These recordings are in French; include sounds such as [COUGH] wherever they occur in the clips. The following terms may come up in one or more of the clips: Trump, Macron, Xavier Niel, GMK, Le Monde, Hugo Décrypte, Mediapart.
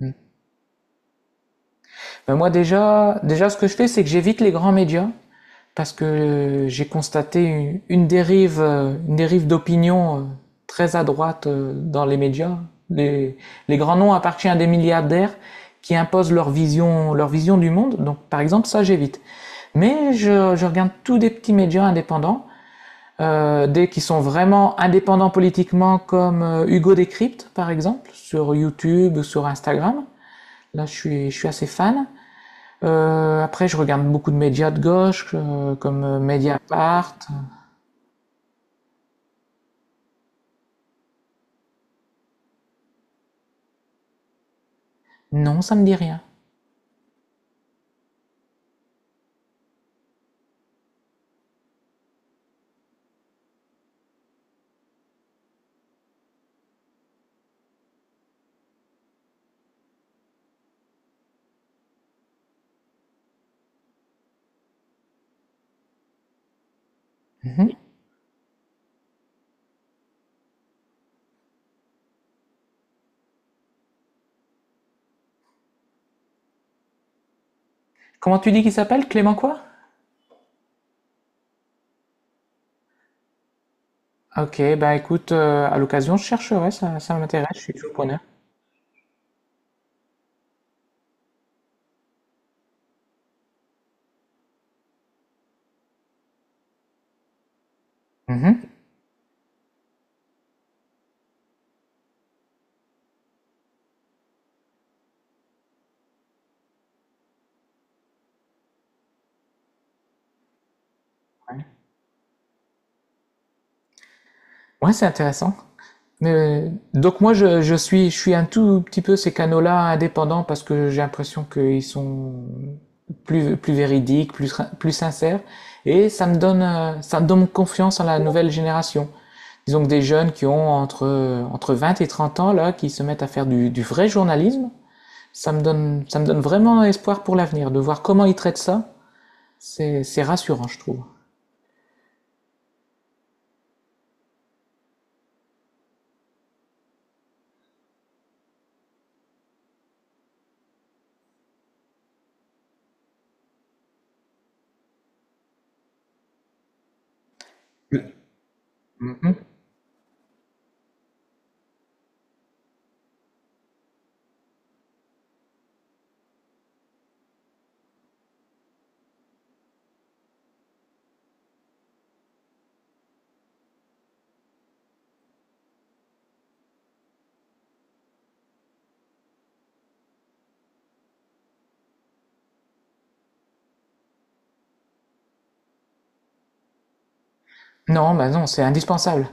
Mm. Ben moi déjà, ce que je fais, c'est que j'évite les grands médias parce que j'ai constaté une dérive d'opinion très à droite dans les médias. Les, les grands noms appartiennent à des milliardaires qui imposent leur vision du monde. Donc par exemple, ça j'évite. Mais je regarde tous des petits médias indépendants, des qui sont vraiment indépendants politiquement, comme Hugo Décrypte par exemple sur YouTube, sur Instagram. Là, je suis assez fan. Après je regarde beaucoup de médias de gauche, comme Mediapart. Non, ça me dit rien. Mmh. Comment tu dis qu'il s'appelle? Clément quoi? OK, écoute, à l'occasion je chercherai, ça m'intéresse, je suis toujours preneur. Mmh. Ouais. Ouais, c'est intéressant. Mais donc moi je suis un tout petit peu ces canaux-là indépendants parce que j'ai l'impression qu'ils sont plus véridiques, plus sincères et ça me ça me donne confiance en la nouvelle génération. Disons que des jeunes qui ont entre 20 et 30 ans, là, qui se mettent à faire du vrai journalisme, ça me donne vraiment espoir pour l'avenir, de voir comment ils traitent ça. C'est rassurant, je trouve. Mhm. Non, bah non, c'est indispensable.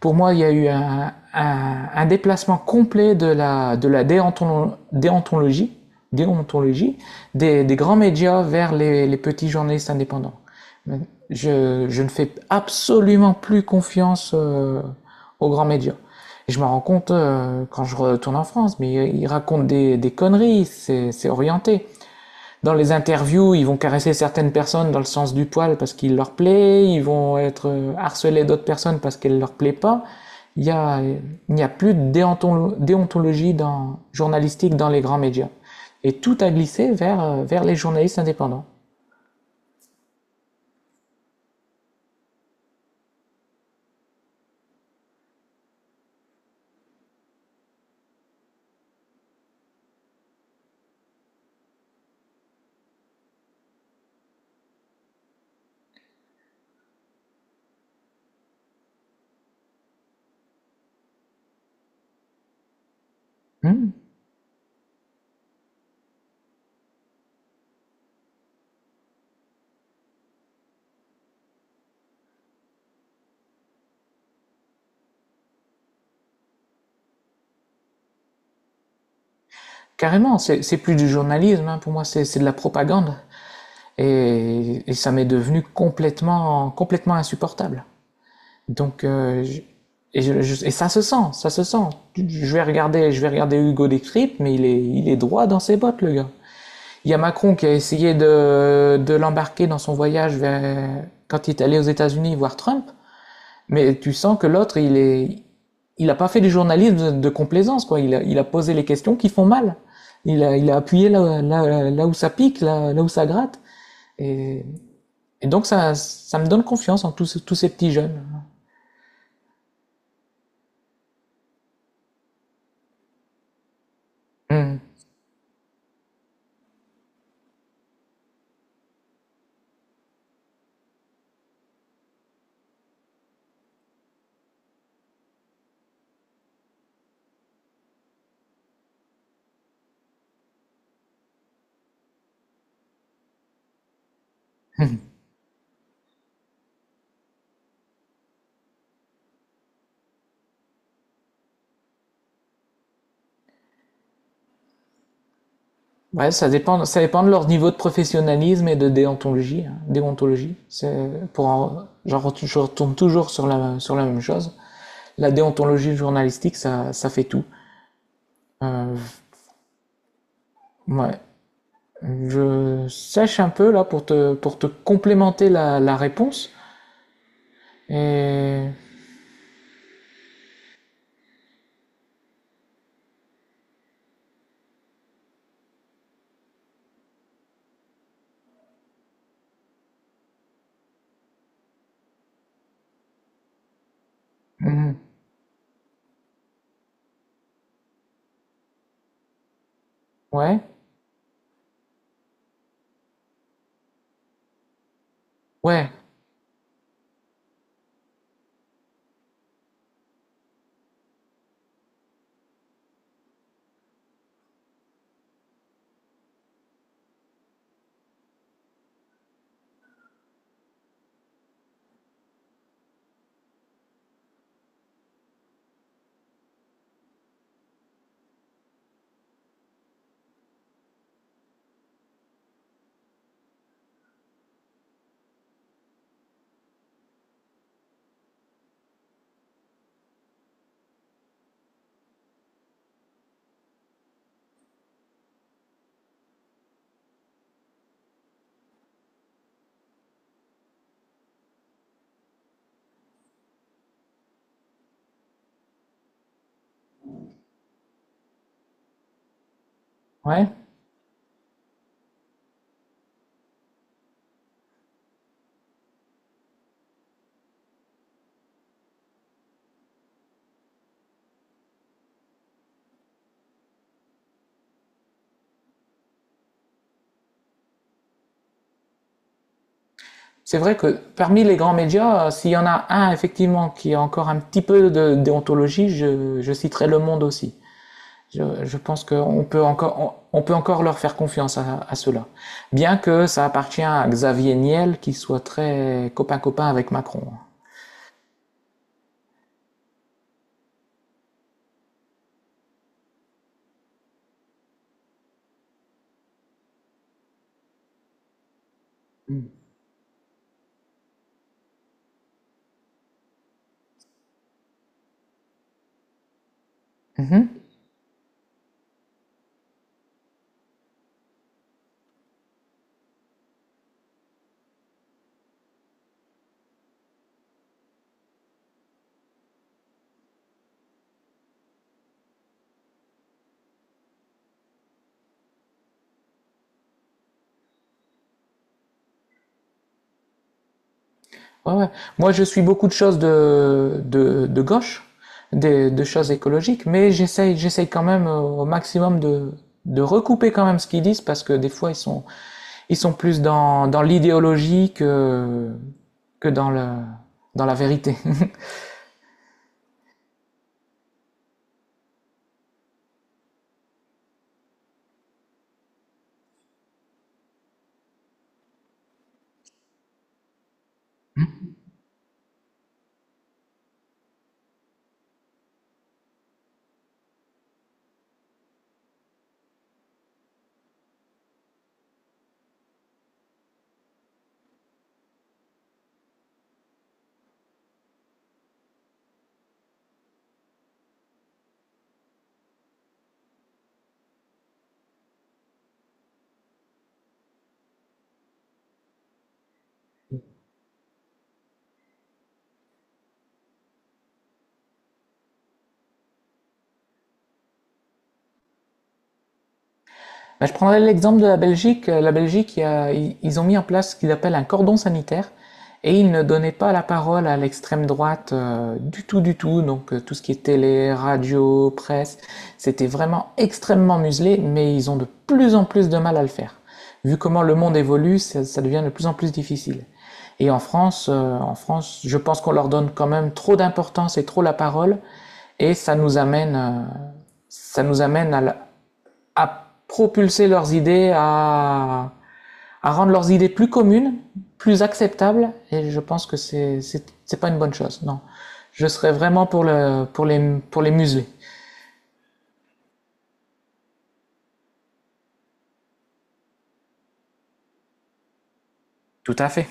Pour moi, il y a eu un déplacement complet de de la déontologie, déontologie des grands médias vers les petits journalistes indépendants. Je ne fais absolument plus confiance aux grands médias. Et je me rends compte quand je retourne en France, mais ils racontent des conneries, c'est orienté. Dans les interviews, ils vont caresser certaines personnes dans le sens du poil parce qu'il leur plaît, ils vont être harcelés d'autres personnes parce qu'elles ne leur plaît pas. Il n'y a plus de déontologie dans, journalistique dans les grands médias. Et tout a glissé vers les journalistes indépendants. Hmm. Carrément, c'est plus du journalisme, hein, pour moi c'est de la propagande. Et ça m'est devenu complètement insupportable. Donc, euh, je- et ça se sent, ça se sent. Je vais regarder Hugo Décrypte, mais il est droit dans ses bottes, le gars. Il y a Macron qui a essayé de l'embarquer dans son quand il est allé aux États-Unis voir Trump, mais tu sens que l'autre, il a pas fait du complaisance, quoi. Il a posé les questions qui font mal. Il a appuyé là où ça pique, là, là où ça gratte. Et, et donc, ça me donne confiance en tous ces petits jeunes. Hmm. Ouais, ça dépend de leur niveau de professionnalisme et de déontologie, hein, déontologie. C'est pour en- j'en retourne, Je retourne toujours sur sur la même chose. La déontologie journalistique, ça fait tout. Euh, ouais. Je sèche un peu là pour pour te complémenter la réponse. Et Mhm. ouais, ouais, ouais. C'est vrai que parmi les grands médias, s'il y en a un effectivement qui a encore un petit peu de déontologie, je citerai Le Monde aussi. Je pense qu'on peut encore, on peut encore leur faire confiance à cela. Bien que ça appartient à Xavier Niel, qui soit très copain-copain avec Macron. Mhm. Ouais, ouais. Moi, je suis beaucoup de choses de gauche, de choses écologiques, mais j'essaye quand même au maximum de recouper quand même ce qu'ils disent, parce que des fois, ils sont plus dans l'idéologie que dans, dans la vérité. [LAUGHS] Bah, je prendrais l'exemple de la Belgique. La Belgique, ils ont mis en place ce qu'ils appellent un cordon sanitaire et ils ne donnaient pas la parole à l'extrême droite du tout. Donc tout ce qui est télé, radio, presse, c'était vraiment extrêmement muselé, mais ils ont de plus en plus de mal à le faire. Vu comment le monde évolue, ça devient de plus en plus difficile. Et en France, je pense qu'on leur donne quand même trop d'importance et trop la parole, et ça nous ça nous amène à propulser leurs idées, à rendre leurs idées plus communes, plus acceptables, et je pense que c'est pas une bonne chose, non. Je serais vraiment pour pour les museler. Tout à fait.